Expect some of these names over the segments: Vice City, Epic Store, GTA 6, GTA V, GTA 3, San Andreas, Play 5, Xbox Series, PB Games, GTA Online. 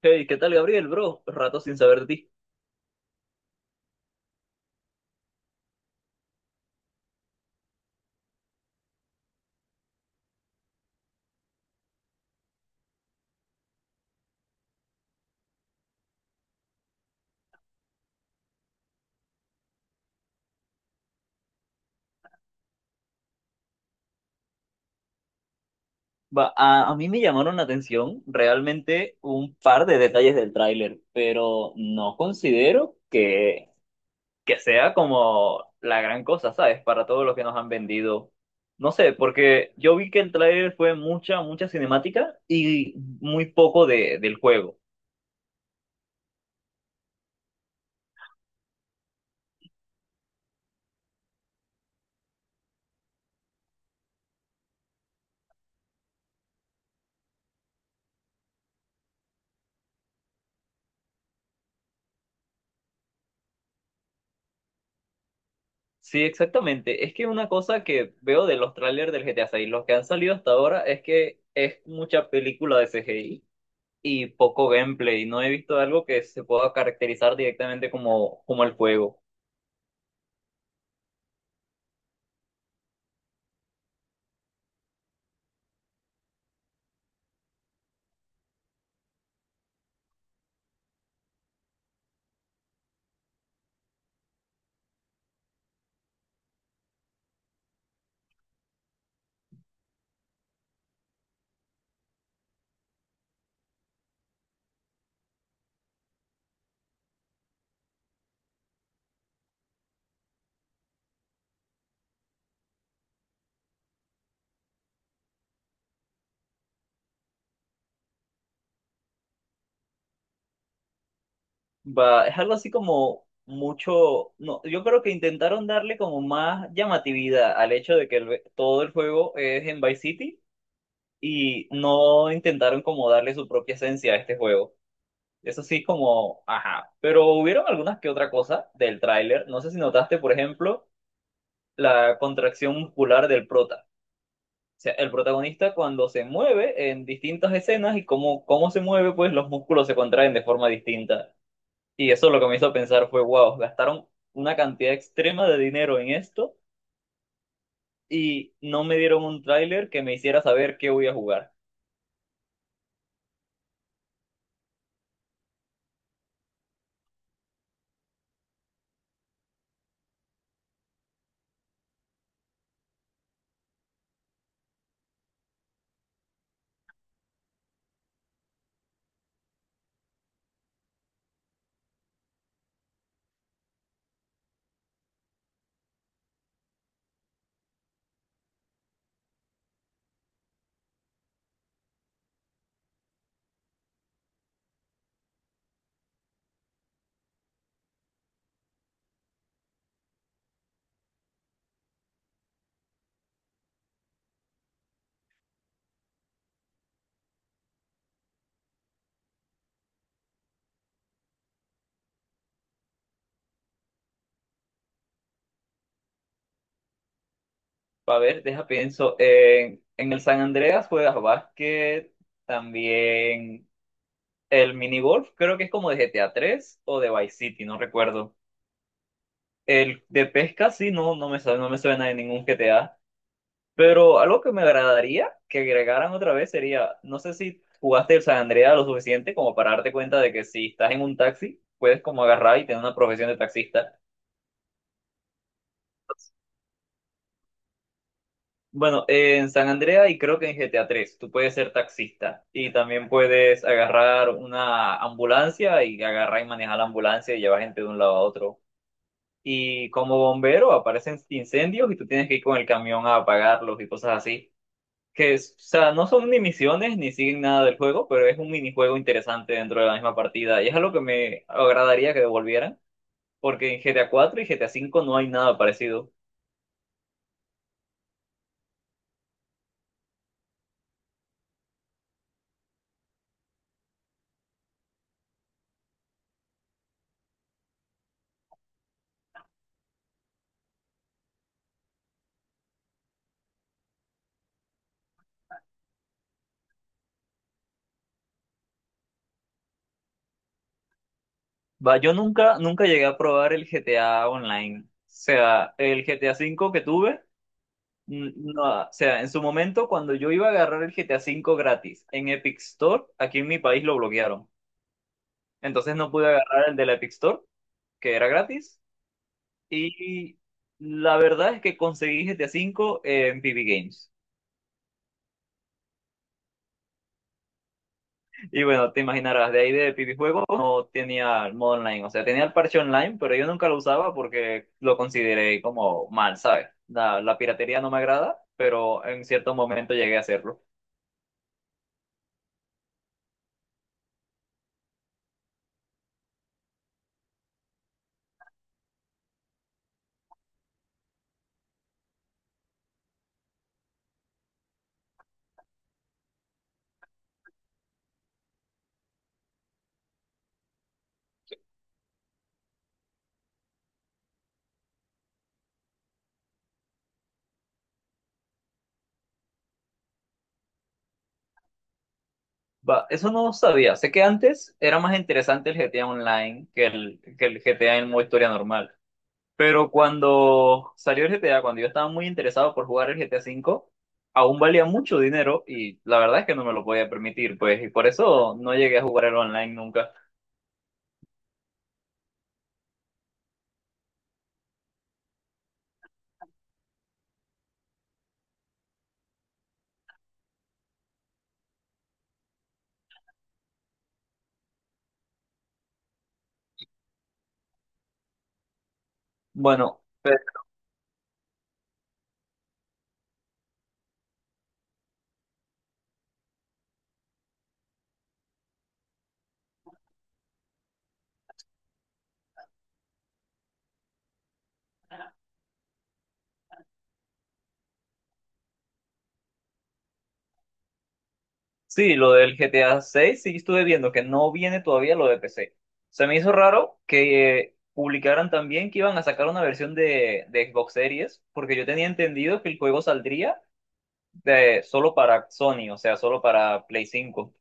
Hey, ¿qué tal, Gabriel, bro? Rato sin saber de ti. Va, a mí me llamaron la atención realmente un par de detalles del tráiler, pero no considero que sea como la gran cosa, ¿sabes? Para todo lo que nos han vendido. No sé, porque yo vi que el tráiler fue mucha, mucha cinemática y muy poco del juego. Sí, exactamente. Es que una cosa que veo de los trailers del GTA 6, los que han salido hasta ahora, es que es mucha película de CGI y poco gameplay. No he visto algo que se pueda caracterizar directamente como el juego. Va, es algo así como mucho, no, yo creo que intentaron darle como más llamatividad al hecho de que todo el juego es en Vice City y no intentaron como darle su propia esencia a este juego. Eso sí, como, ajá. Pero hubieron algunas que otra cosa del tráiler. No sé si notaste, por ejemplo, la contracción muscular del prota. Sea, el protagonista cuando se mueve en distintas escenas y cómo se mueve, pues los músculos se contraen de forma distinta. Y eso lo que me hizo pensar fue, wow, gastaron una cantidad extrema de dinero en esto y no me dieron un tráiler que me hiciera saber qué voy a jugar. A ver, deja pienso, en el San Andreas juegas básquet, también el minigolf, creo que es como de GTA 3 o de Vice City, no recuerdo. El de pesca sí, no, no me suena de ningún GTA. Pero algo que me agradaría que agregaran otra vez sería, no sé si jugaste el San Andreas lo suficiente como para darte cuenta de que si estás en un taxi, puedes como agarrar y tener una profesión de taxista. Bueno, en San Andreas y creo que en GTA 3, tú puedes ser taxista y también puedes agarrar una ambulancia y agarrar y manejar la ambulancia y llevar gente de un lado a otro. Y como bombero aparecen incendios y tú tienes que ir con el camión a apagarlos y cosas así. O sea, no son ni misiones ni siguen nada del juego, pero es un minijuego interesante dentro de la misma partida y es algo que me agradaría que devolvieran, porque en GTA 4 y GTA 5 no hay nada parecido. Va, yo nunca, nunca llegué a probar el GTA Online. O sea, el GTA 5 que tuve, no, o sea, en su momento cuando yo iba a agarrar el GTA 5 gratis en Epic Store, aquí en mi país lo bloquearon. Entonces no pude agarrar el de la Epic Store, que era gratis. Y la verdad es que conseguí GTA 5 en PB Games. Y bueno, te imaginarás, de ahí de PB Juego no tenía el modo online. O sea, tenía el parche online, pero yo nunca lo usaba porque lo consideré como mal, ¿sabes? La piratería no me agrada, pero en cierto momento llegué a hacerlo. Va, eso no sabía. Sé que antes era más interesante el GTA Online que el GTA en modo historia normal. Pero cuando salió el GTA, cuando yo estaba muy interesado por jugar el GTA V, aún valía mucho dinero y la verdad es que no me lo podía permitir, pues, y por eso no llegué a jugar el online nunca. Bueno, pero sí, lo del GTA 6 sí estuve viendo que no viene todavía lo de PC. Se me hizo raro que publicaran también que iban a sacar una versión de Xbox Series, porque yo tenía entendido que el juego saldría solo para Sony, o sea, solo para Play 5.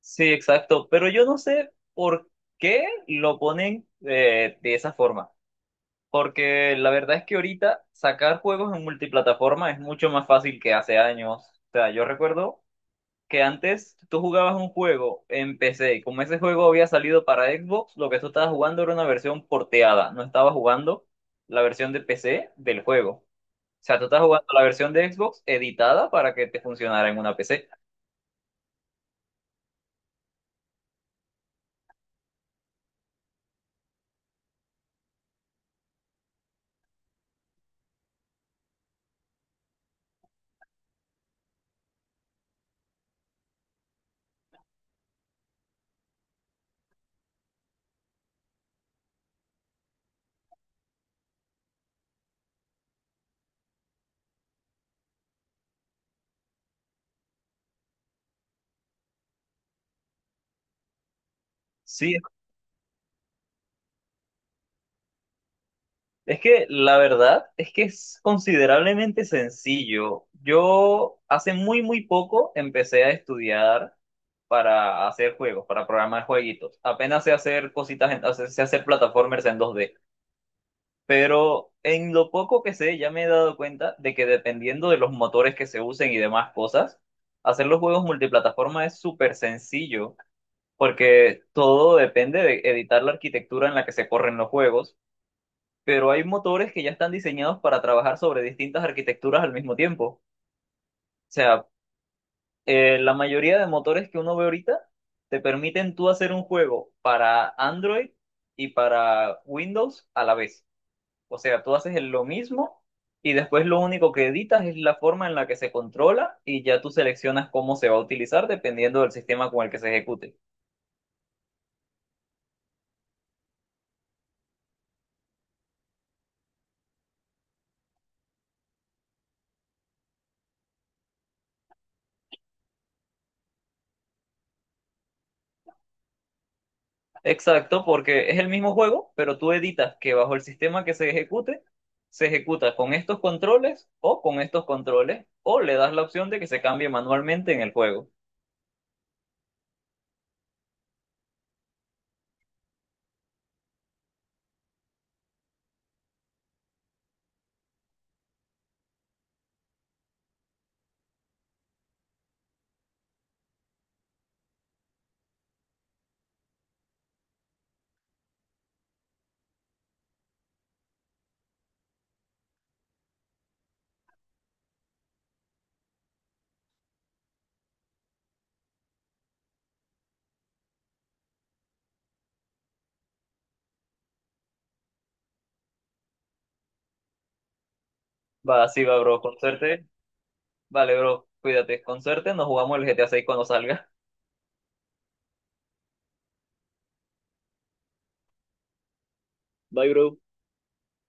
Sí, exacto, pero yo no sé por qué lo ponen de esa forma, porque la verdad es que ahorita sacar juegos en multiplataforma es mucho más fácil que hace años. O sea, yo recuerdo que antes tú jugabas un juego en PC y como ese juego había salido para Xbox, lo que tú estabas jugando era una versión porteada, no estabas jugando la versión de PC del juego. O sea, tú estabas jugando la versión de Xbox editada para que te funcionara en una PC. Sí. Es que la verdad es que es considerablemente sencillo. Yo hace muy, muy poco empecé a estudiar para hacer juegos, para programar jueguitos. Apenas sé hacer cositas, sé hacer plataformers en 2D. Pero en lo poco que sé, ya me he dado cuenta de que dependiendo de los motores que se usen y demás cosas, hacer los juegos multiplataforma es súper sencillo, porque todo depende de editar la arquitectura en la que se corren los juegos pero hay motores que ya están diseñados para trabajar sobre distintas arquitecturas al mismo tiempo. O sea, la mayoría de motores que uno ve ahorita te permiten tú hacer un juego para Android y para Windows a la vez. O sea, tú haces lo mismo y después lo único que editas es la forma en la que se controla y ya tú seleccionas cómo se va a utilizar dependiendo del sistema con el que se ejecute. Exacto, porque es el mismo juego, pero tú editas que bajo el sistema que se ejecute, se ejecuta con estos controles o con estos controles, o le das la opción de que se cambie manualmente en el juego. Va, así va, bro, con suerte. Vale, bro, cuídate, con suerte, nos jugamos el GTA 6 cuando salga. Bye, bro.